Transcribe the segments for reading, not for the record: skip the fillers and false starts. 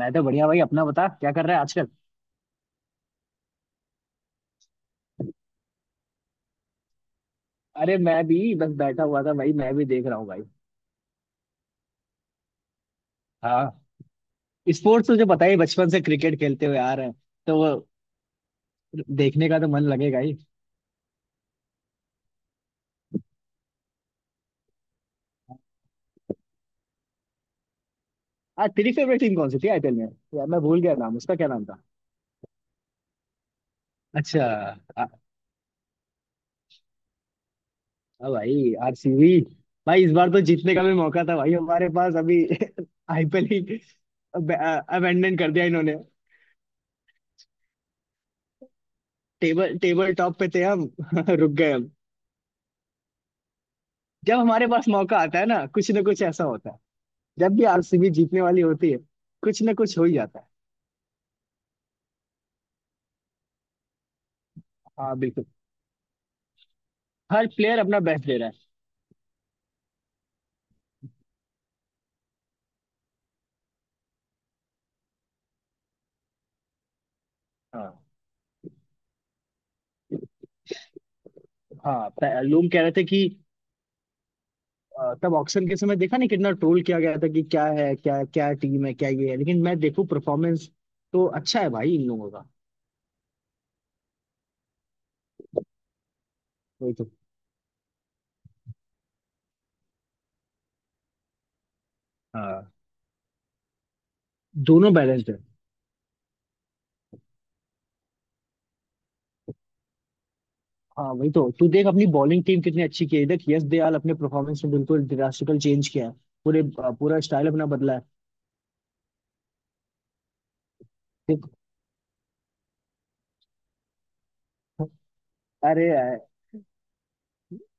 मैं तो बढ़िया भाई। अपना बता क्या कर रहा है आजकल। अरे मैं भी बस बैठा हुआ था भाई, मैं भी देख रहा हूँ भाई। हाँ। स्पोर्ट्स तुझे पता ही, बचपन से क्रिकेट खेलते हुए आ रहे हैं तो वो देखने का तो मन लगेगा ही। आज तेरी फेवरेट टीम कौन सी थी आईपीएल में? यार मैं भूल गया नाम उसका, क्या नाम था? अच्छा। आ, आ भाई आरसीबी। भाई इस बार तो जीतने का भी मौका था, भाई हमारे पास अभी आईपीएल ही अबेंडन कर दिया इन्होंने। टेबल टेबल टॉप पे थे हम रुक गए हम। जब हमारे पास मौका आता है ना, कुछ ना कुछ ऐसा होता है। जब भी आरसीबी जीतने वाली होती है, कुछ ना कुछ हो ही जाता है। हाँ बिल्कुल। हर प्लेयर अपना बेस्ट दे रहा है। हाँ। हाँ लोग कह रहे थे कि तब ऑक्शन के समय देखा नहीं कितना ट्रोल किया गया था कि क्या है, क्या क्या टीम है, क्या ये है, लेकिन मैं देखूं परफॉर्मेंस तो अच्छा है भाई इन लोगों का। वही तो। हाँ दोनों बैलेंस्ड है। हाँ वही तो, तू देख अपनी बॉलिंग टीम कितनी अच्छी की है। देख यश दयाल अपने परफॉर्मेंस में बिल्कुल ड्रास्टिकल चेंज किया है। पूरे, पूरा स्टाइल अपना बदला है। देख। अरे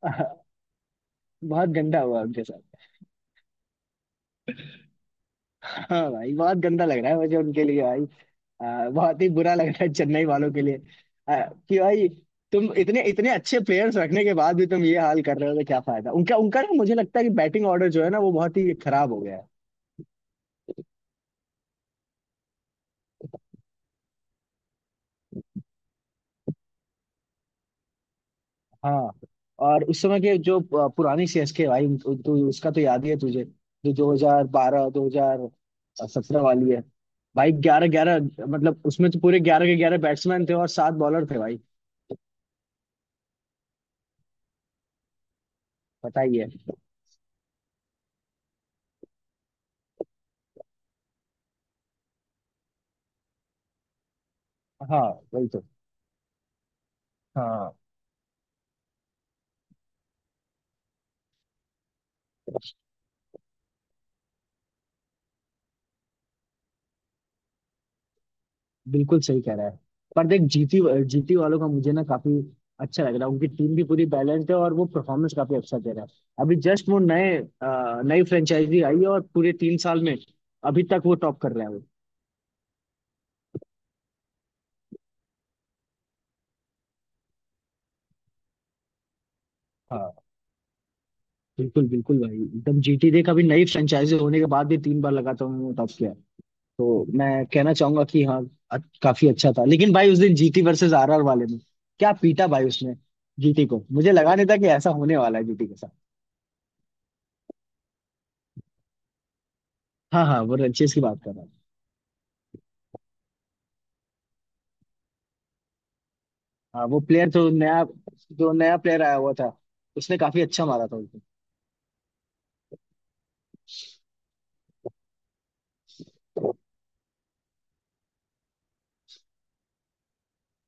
बहुत गंदा हुआ उनके साथ। हाँ भाई बहुत गंदा लग रहा है मुझे उनके लिए भाई। बहुत ही बुरा लग रहा है चेन्नई वालों के लिए। आ, कि भाई तुम इतने इतने अच्छे प्लेयर्स रखने के बाद भी तुम ये हाल कर रहे हो तो क्या फायदा उनका उनका ना, मुझे लगता है कि बैटिंग ऑर्डर जो है ना, वो बहुत ही खराब हो गया है। हाँ और उस समय के जो पुरानी सीएसके भाई, तू उसका तो याद ही है तुझे, जो 2012 2017 वाली है भाई। ग्यारह ग्यारह मतलब उसमें तो पूरे ग्यारह के ग्यारह बैट्समैन थे और 7 बॉलर थे भाई। बताइए। हाँ वही तो। हाँ बिल्कुल सही कह रहा है। पर देख जीटी, जीटी वालों का मुझे ना काफी अच्छा लग रहा है। उनकी टीम भी पूरी बैलेंस्ड है और वो परफॉर्मेंस काफी अच्छा दे रहा है। अभी जस्ट वो नए नई फ्रेंचाइजी आई है और पूरे 3 साल में अभी तक वो टॉप कर रहा है वो। हाँ बिल्कुल बिल्कुल भाई एकदम। जीटी देख, अभी नई फ्रेंचाइजी होने के बाद भी 3 बार लगातार उन्होंने टॉप किया है। तो मैं कहना चाहूंगा कि हाँ काफी अच्छा था। लेकिन भाई उस दिन जीटी वर्सेस आरआर वाले में क्या पीटा भाई उसने जीटी को! मुझे लगा नहीं था कि ऐसा होने वाला है जीटी के साथ। हाँ हाँ वो रंचेस की बात कर रहा हूँ। हाँ वो प्लेयर जो नया, जो नया प्लेयर आया हुआ था उसने काफी अच्छा मारा था उसको।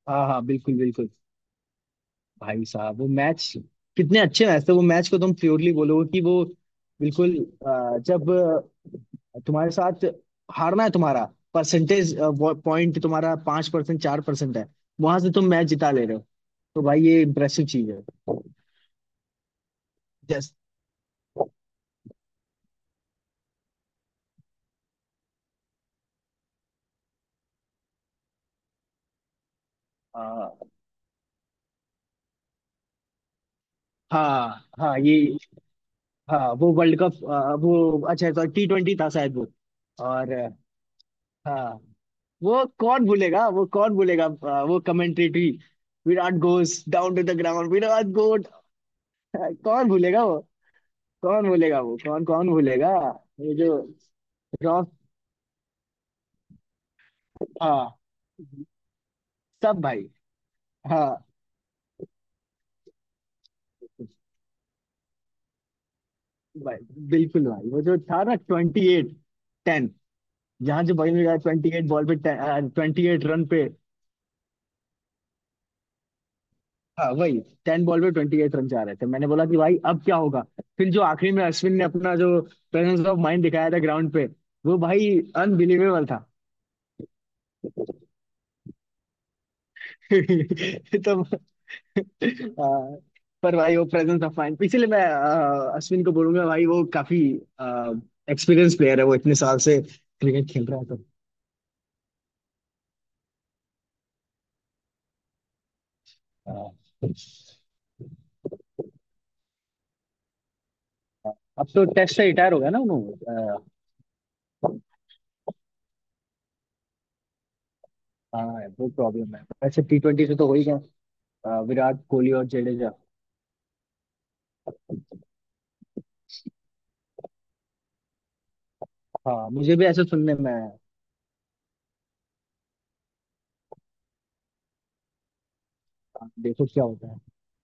हाँ हाँ बिल्कुल बिल्कुल भाई साहब। वो मैच, कितने अच्छे मैच थे वो! मैच को तुम प्योरली बोलोगे कि वो बिल्कुल जब तुम्हारे साथ हारना है, तुम्हारा परसेंटेज पॉइंट तुम्हारा 5% 4% है, वहां से तुम मैच जिता ले रहे हो, तो भाई ये इम्प्रेसिव चीज है। जस्ट। हाँ हाँ ये। हाँ वो वर्ल्ड कप वो अच्छा था, T20 था शायद वो, और हाँ। वो कौन भूलेगा, वो कौन भूलेगा? वो commentary, Virat goes down to the ground, Virat goat. कौन भूलेगा वो? कौन भूलेगा? वो कौन कौन भूलेगा? वो जो रॉक। हाँ सब भाई। हाँ भाई बिल्कुल। भाई वो जो था ना ट्वेंटी एट टेन, जहाँ जो बॉलिंग में 28 बॉल पे 28 रन पे। हाँ वही, 10 बॉल पे 28 रन चाह रहे थे। मैंने बोला कि भाई अब क्या होगा। फिर जो आखिरी में अश्विन ने अपना जो प्रेजेंस ऑफ माइंड दिखाया था ग्राउंड पे, वो भाई अनबिलीवेबल। तो पर भाई वो प्रेजेंस ऑफ माइंड, इसीलिए मैं अश्विन को बोलूंगा भाई वो काफी एक्सपीरियंस प्लेयर है, वो इतने साल से क्रिकेट खेल रहा है तो आ, अब तो टेस्ट से रिटायर हो गया ना उन्होंने। हाँ वो प्रॉब्लम है, वैसे T20 से तो हो ही गया। विराट कोहली और जडेजा। हाँ मुझे भी ऐसा सुनने में आया। हाँ, देखो क्या होता है।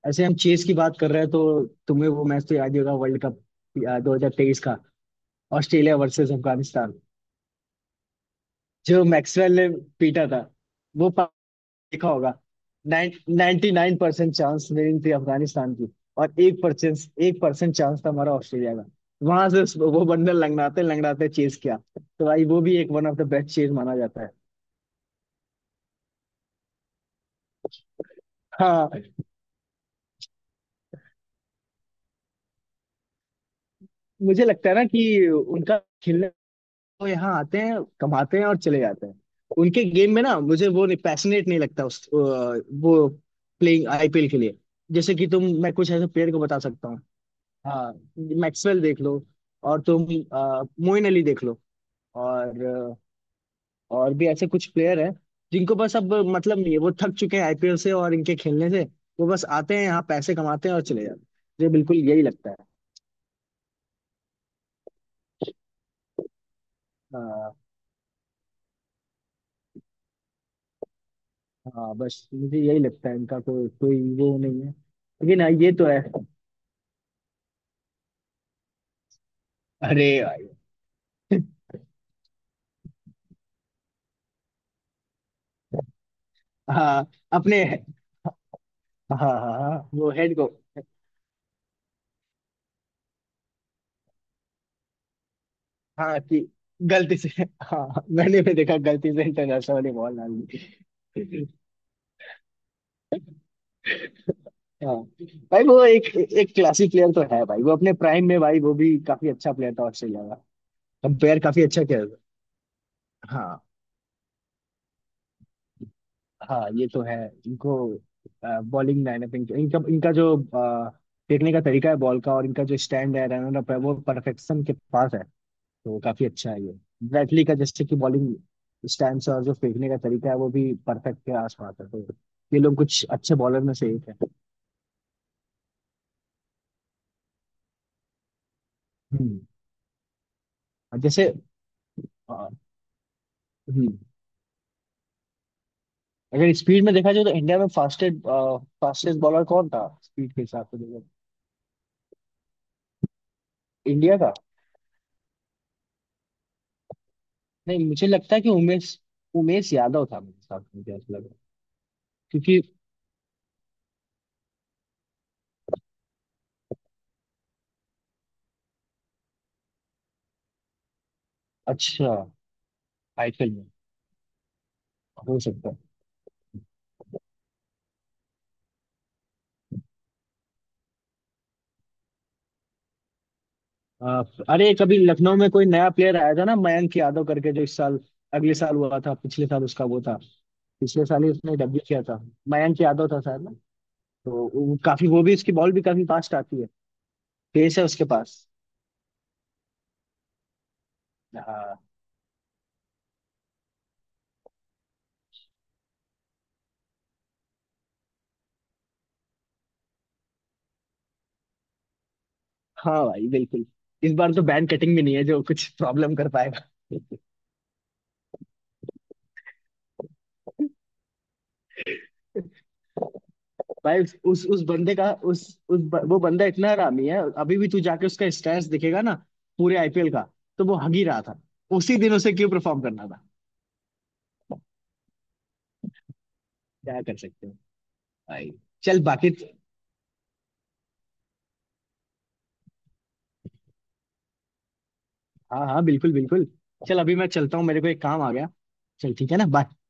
ऐसे हम चेस की बात कर रहे हैं तो तुम्हें वो मैच तो याद ही होगा, वर्ल्ड कप 2023 का, ऑस्ट्रेलिया वर्सेस अफगानिस्तान, जो मैक्सवेल ने पीटा था। वो पा- देखा होगा, 99% चांस रेटिंग थी अफगानिस्तान की, और 1%, 1% चांस था हमारा ऑस्ट्रेलिया का। वहां से वो बंडल लंगड़ाते लंगड़ाते चेज किया, तो भाई वो भी एक one of the best chase माना जाता है। हाँ मुझे लगता है ना कि उनका खेलने, वो यहाँ आते हैं, कमाते हैं और चले जाते हैं। उनके गेम में ना मुझे वो नहीं, पैशनेट नहीं लगता उस वो प्लेइंग आईपीएल के लिए। जैसे कि तुम, मैं कुछ ऐसे प्लेयर को बता सकता हूँ। हाँ मैक्सवेल देख लो, और तुम मोइन अली देख लो, और और भी ऐसे कुछ प्लेयर हैं जिनको बस अब मतलब नहीं है। वो थक चुके हैं आईपीएल से और इनके खेलने से। वो बस आते हैं यहाँ, पैसे कमाते हैं और चले जाते हैं। मुझे बिल्कुल यही लगता है। हाँ हाँ, बस मुझे यही लगता है इनका, कोई कोई वो नहीं है। लेकिन हाँ, ये तो है। अरे भाई हाँ अपने। हाँ हाँ हाँ, वो हेड को। हाँ कि गलती से। हाँ मैंने भी देखा गलती से इंटरनेशनल वाली बॉल डाल दी। हाँ भाई वो एक, एक क्लासी प्लेयर तो है भाई वो, अपने प्राइम में भाई वो भी काफी अच्छा प्लेयर था ऑस्ट्रेलिया का। कंपेयर काफी अच्छा किया था। हाँ हाँ ये तो है। इनको बॉलिंग लाइनअप इनका इनका इनका जो फेंकने का तरीका है बॉल का, और इनका जो स्टैंड है, रनर अप है, वो परफेक्शन के पास है तो काफी अच्छा है ये। ब्रैटली का जैसे कि बॉलिंग स्टैंड और जो फेंकने का तरीका है वो भी परफेक्ट के आसपास है, तो ये लोग कुछ अच्छे बॉलर में से एक है। हम्म। और जैसे अ, हम्म। अगर स्पीड में देखा जाए तो इंडिया में फास्टेस्ट फास्टेस्ट बॉलर कौन था स्पीड के हिसाब से देखो? इंडिया का। नहीं मुझे लगता है कि उमेश उमेश यादव था मेरे हिसाब से, मुझे ऐसा लग रहा है। क्योंकि। अच्छा आईपीएल में हो सकता है। अ, अरे कभी लखनऊ में कोई नया प्लेयर आया था ना मयंक यादव करके, जो इस साल, अगले साल हुआ था, पिछले साल उसका वो था। पिछले साल ही उसने डब्ल्यू किया था। मयंक यादव था शायद ना। तो काफी, वो भी उसकी बॉल भी काफी फास्ट आती है, पेस है उसके पास। हाँ हाँ भाई बिल्कुल। इस बार तो बैन कटिंग भी नहीं है जो कुछ प्रॉब्लम कर पाएगा। भाई उस बंदे का, उस वो बंदा इतना हरामी है अभी भी। तू जाके उसका स्टेटस दिखेगा ना पूरे आईपीएल का, तो वो हग ही रहा था। उसी दिन उसे क्यों परफॉर्म करना था? क्या कर सकते हो। भाई चल बाकी। हाँ हाँ बिल्कुल बिल्कुल। चल अभी मैं चलता हूँ, मेरे को एक काम आ गया। चल ठीक है ना, बाय।